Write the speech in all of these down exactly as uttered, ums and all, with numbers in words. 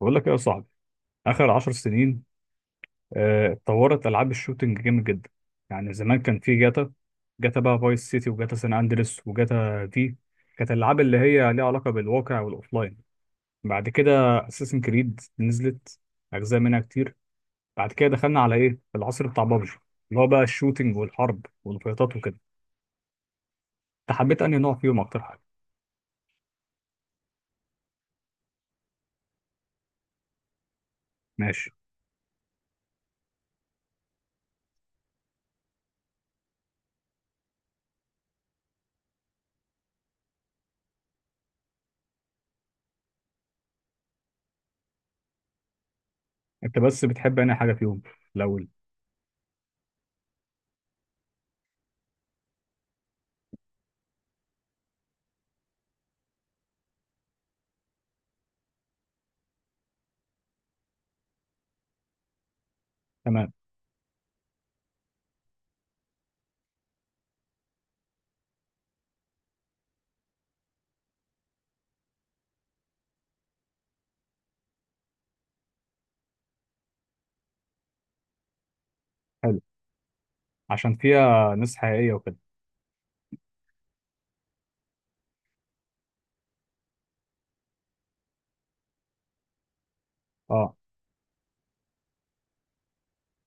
بقول لك ايه يا صاحبي؟ اخر عشر سنين آه، اتطورت العاب الشوتينج جامد جدا. يعني زمان كان في جاتا، جاتا بقى فايس سيتي وجاتا سان اندريس وجاتا في. كانت الالعاب اللي هي ليها علاقه بالواقع والاوفلاين. بعد كده اساسن كريد نزلت اجزاء منها كتير. بعد كده دخلنا على ايه العصر بتاع بابجي، اللي هو بقى الشوتينج والحرب والفيطات وكده. انت حبيت انهي نوع فيهم اكتر حاجه؟ ماشي. انت بس بتحب انهي حاجه فيهم الاول؟ تمام. حلو، عشان فيها ناس حقيقيه وكده. اه.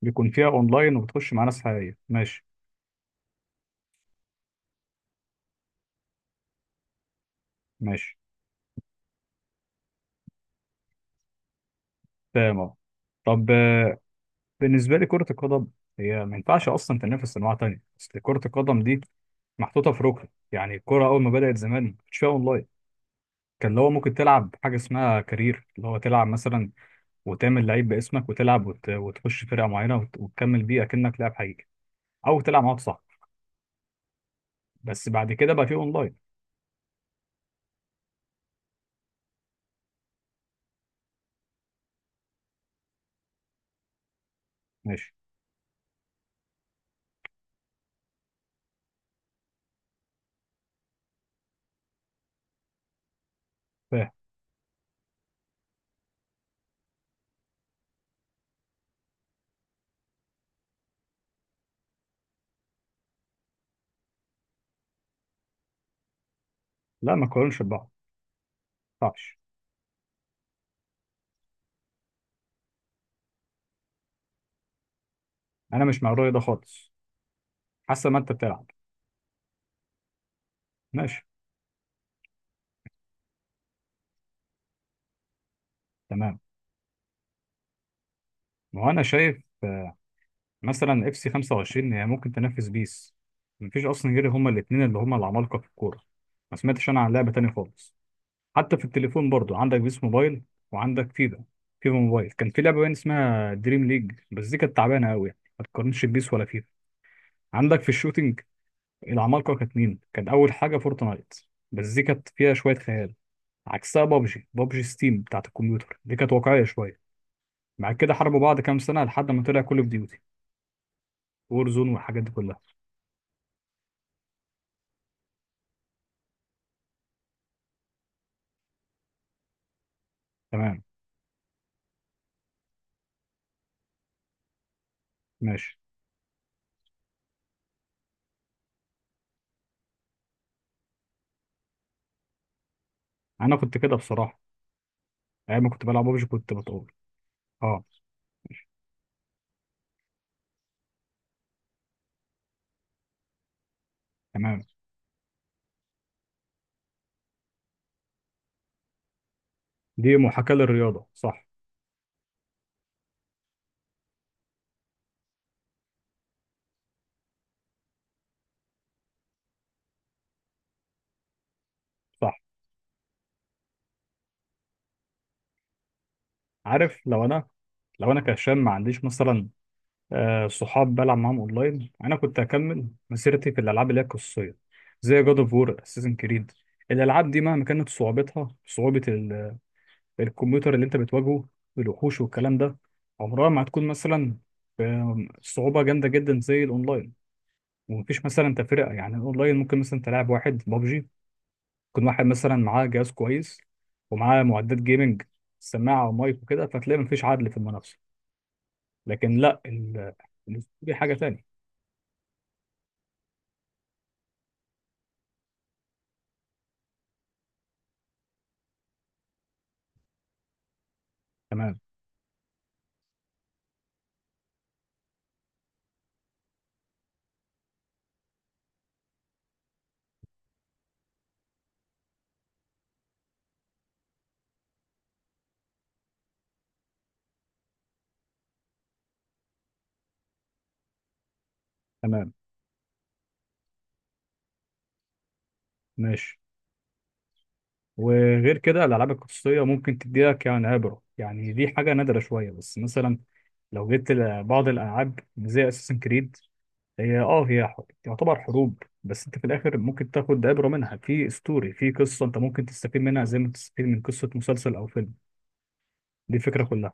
بيكون فيها اونلاين وبتخش مع ناس حقيقيه، ماشي. ماشي، تمام أهو. طب، آه، بالنسبه لي كره القدم هي ما ينفعش اصلا تنافس انواع تانية. اصل كره القدم دي محطوطه في ركن، يعني الكره اول ما بدات زمان ما كانش فيها اونلاين. كان اللي هو ممكن تلعب حاجه اسمها كارير، اللي هو تلعب مثلا، وتعمل لعيب باسمك وتلعب وت... وتخش فرقه معينه وت... وتكمل بيه اكنك لاعب حقيقي، او تلعب مع واحد صاحبك. بس بعد كده بقى في اونلاين. ماشي. فاهم. لا، ما تقارنش ببعض. ما ينفعش. انا مش مع الرأي ده خالص. حسب ما انت بتلعب. ماشي. تمام. ما هو انا شايف آه، مثلا اف سي خمسة وعشرين هي ممكن تنافس بيس. مفيش اصلا غير هما الاثنين اللي هما العمالقه في الكوره. ما سمعتش انا عن لعبه تانية خالص. حتى في التليفون برضو عندك بيس موبايل وعندك فيفا. فيفا موبايل كان في لعبه باين اسمها دريم ليج، بس دي كانت تعبانه قوي، ما تقارنش بيس ولا فيفا. عندك في الشوتينج العمالقه كانت مين؟ كان اول حاجه فورتنايت، بس دي كانت فيها شويه خيال. عكسها بابجي، بابجي ستيم بتاعت الكمبيوتر دي كانت واقعيه شويه. بعد كده حاربوا بعض كام سنه لحد ما طلع كل اوف ديوتي وور زون والحاجات دي كلها. تمام. ماشي. انا كنت كده بصراحه ايام ما كنت بلعب ببجي كنت بتقول. اه. تمام. دي محاكاه للرياضه، صح؟ صح. عارف، لو انا، لو انا كهشام ما عنديش مثلا آه صحاب بلعب معاهم اونلاين، انا كنت هكمل مسيرتي في الالعاب اللي هي قصيه، زي جاد اوف وور، اساسن كريد. الالعاب دي مهما كانت صعوبتها، صعوبه ال- الكمبيوتر اللي انت بتواجهه، الوحوش والكلام ده، عمرها ما هتكون مثلا آم، صعوبه جامده جدا زي الاونلاين. ومفيش مثلا تفرقه، يعني الاونلاين ممكن مثلا تلعب واحد ببجي يكون واحد مثلا معاه جهاز كويس ومعاه معدات جيمنج، سماعه ومايك وكده، فتلاقي مفيش عدل في المنافسه. لكن لا، ال- الاستوديو حاجه تانية. تمام. تمام. ماشي. وغير كده الالعاب القصصيه ممكن تديلك يعني عبره، يعني دي حاجه نادره شويه، بس مثلا لو جيت لبعض الالعاب زي اساسن كريد، هي اه هي ح- تعتبر حروب، بس انت في الاخر ممكن تاخد عبره منها، في ستوري، في قصه انت ممكن تستفيد منها زي ما تستفيد من قصه مسلسل او فيلم. دي الفكره كلها.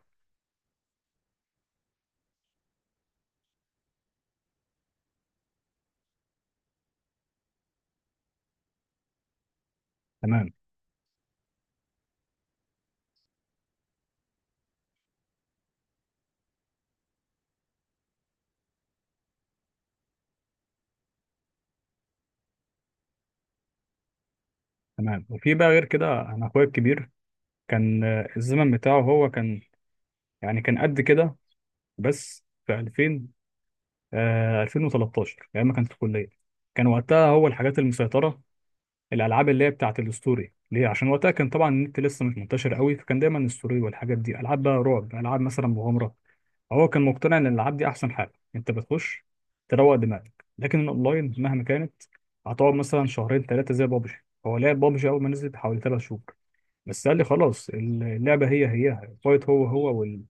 تمام. تمام. وفي بقى غير كده انا اخويا الكبير كان آه، الزمن بتاعه هو كان، يعني كان قد كده. بس في ألفين، آه ألفين وتلتاشر، ايام ما كان في الكليه. كان وقتها هو الحاجات المسيطره الالعاب اللي هي بتاعت الستوري ليه، عشان وقتها كان طبعا النت لسه مش منتشر قوي، فكان دايما الستوري والحاجات دي، العاب بقى رعب، العاب مثلا مغامره. هو كان مقتنع ان الالعاب دي احسن حاجه انت بتخش تروق دماغك، لكن الاونلاين مهما كانت هتقعد مثلا شهرين ثلاثه زي بابجي. هو لعب بابجي اول ما نزلت حوالي ثلاث شهور بس، قال لي خلاص اللعبة هي هي، الفايت هو هو وال...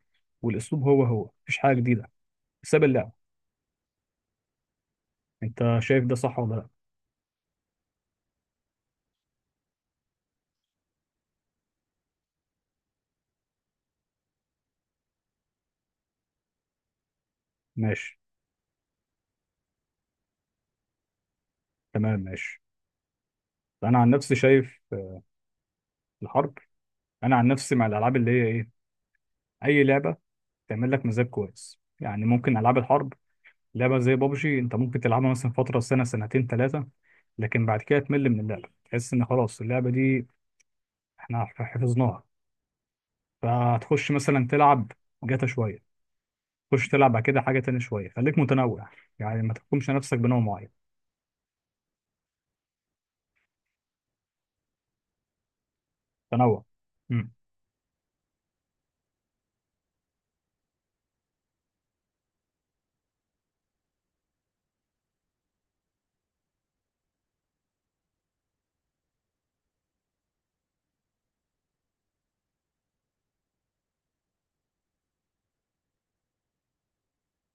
والأسلوب هو هو، مفيش حاجة جديدة، ساب اللعبة. أنت شايف ده صح ولا لأ؟ ماشي. تمام. ماشي. أنا عن نفسي شايف آه، الحرب. أنا عن نفسي مع الألعاب اللي هي إيه، أي لعبة تعمل لك مزاج كويس، يعني ممكن ألعاب الحرب، لعبة زي بابجي أنت ممكن تلعبها مثلا فترة سنة سنتين ثلاثة، لكن بعد كده تمل من اللعبة، تحس إن خلاص اللعبة دي إحنا حفظناها. فهتخش مثلا تلعب جاتا شوية، خش تلعب بعد كده حاجه تانية شويه، خليك متنوع، يعني ما تحكمش نفسك بنوع معين. تنوع. امم.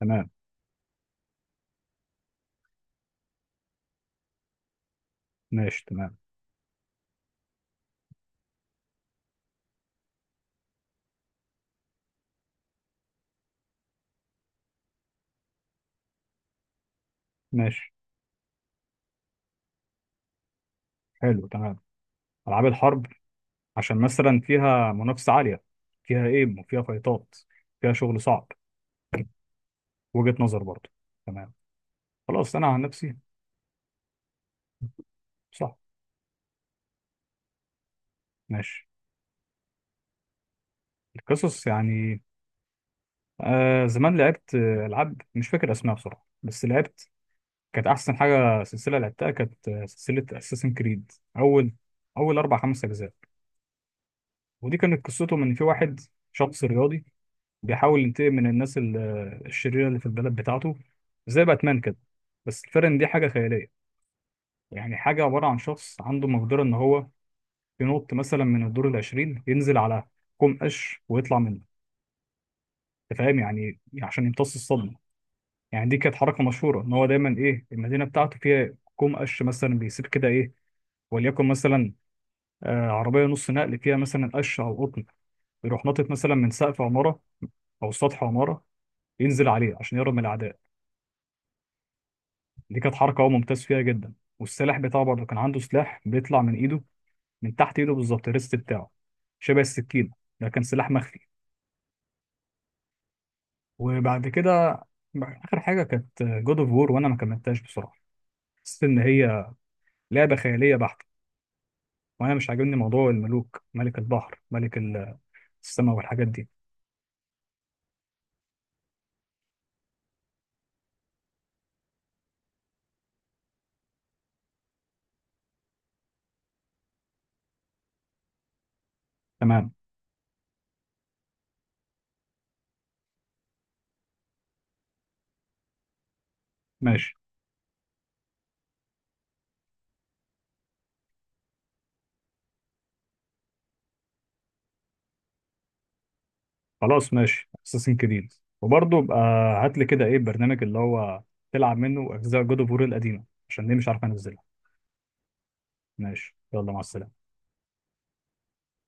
تمام. ماشي. تمام. ماشي. حلو. تمام. العاب الحرب، عشان مثلا فيها منافسه عاليه، فيها ايم وفيها فايتات، فيها شغل صعب. وجهه نظر برضه. تمام. خلاص انا عن نفسي. صح. ماشي. القصص يعني؟ آه زمان لعبت آه، العاب مش فاكر اسمها بصراحه، بس لعبت. كانت احسن حاجه سلسله لعبتها، كانت آه، سلسله اساسن كريد، اول اول اربع خمس اجزاء. ودي كانت قصتهم ان في واحد، شخص رياضي، بيحاول ينتقم من الناس ال- الشريره اللي في البلد بتاعته، زي باتمان كده، بس الفرق ان دي حاجه خياليه. يعني حاجه عباره عن شخص عنده مقدره ان هو ينط مثلا من الدور العشرين ينزل على كوم قش ويطلع منه. انت فاهم، يعني عشان يمتص الصدمه. يعني دي كانت حركه مشهوره ان هو دايما ايه، المدينه بتاعته فيها كوم قش مثلا بيسيب كده ايه، وليكن مثلا آه، عربيه نص نقل فيها مثلا قش او قطن، يروح ناطط مثلا من سقف عماره او سطح عماره ينزل عليه عشان يهرب من الاعداء. دي كانت حركه هو ممتاز فيها جدا. والسلاح بتاعه برضه، كان عنده سلاح بيطلع من ايده، من تحت ايده بالظبط، الريست بتاعه، شبه السكينه، ده كان سلاح مخفي. وبعد كده اخر حاجه كانت جود اوف وور، وانا ما كملتهاش بصراحه، حسيت ان هي لعبه خياليه بحته. وانا مش عاجبني موضوع الملوك، ملك البحر، ملك ال- السماء، والحاجات دي. تمام. ماشي. خلاص، ماشي. اساسن كريد. وبرضه بقى هات لي كده ايه البرنامج اللي هو تلعب منه اجزاء جود اوف وور القديمه، عشان دي مش عارف انزلها. ماشي، يلا مع السلامة.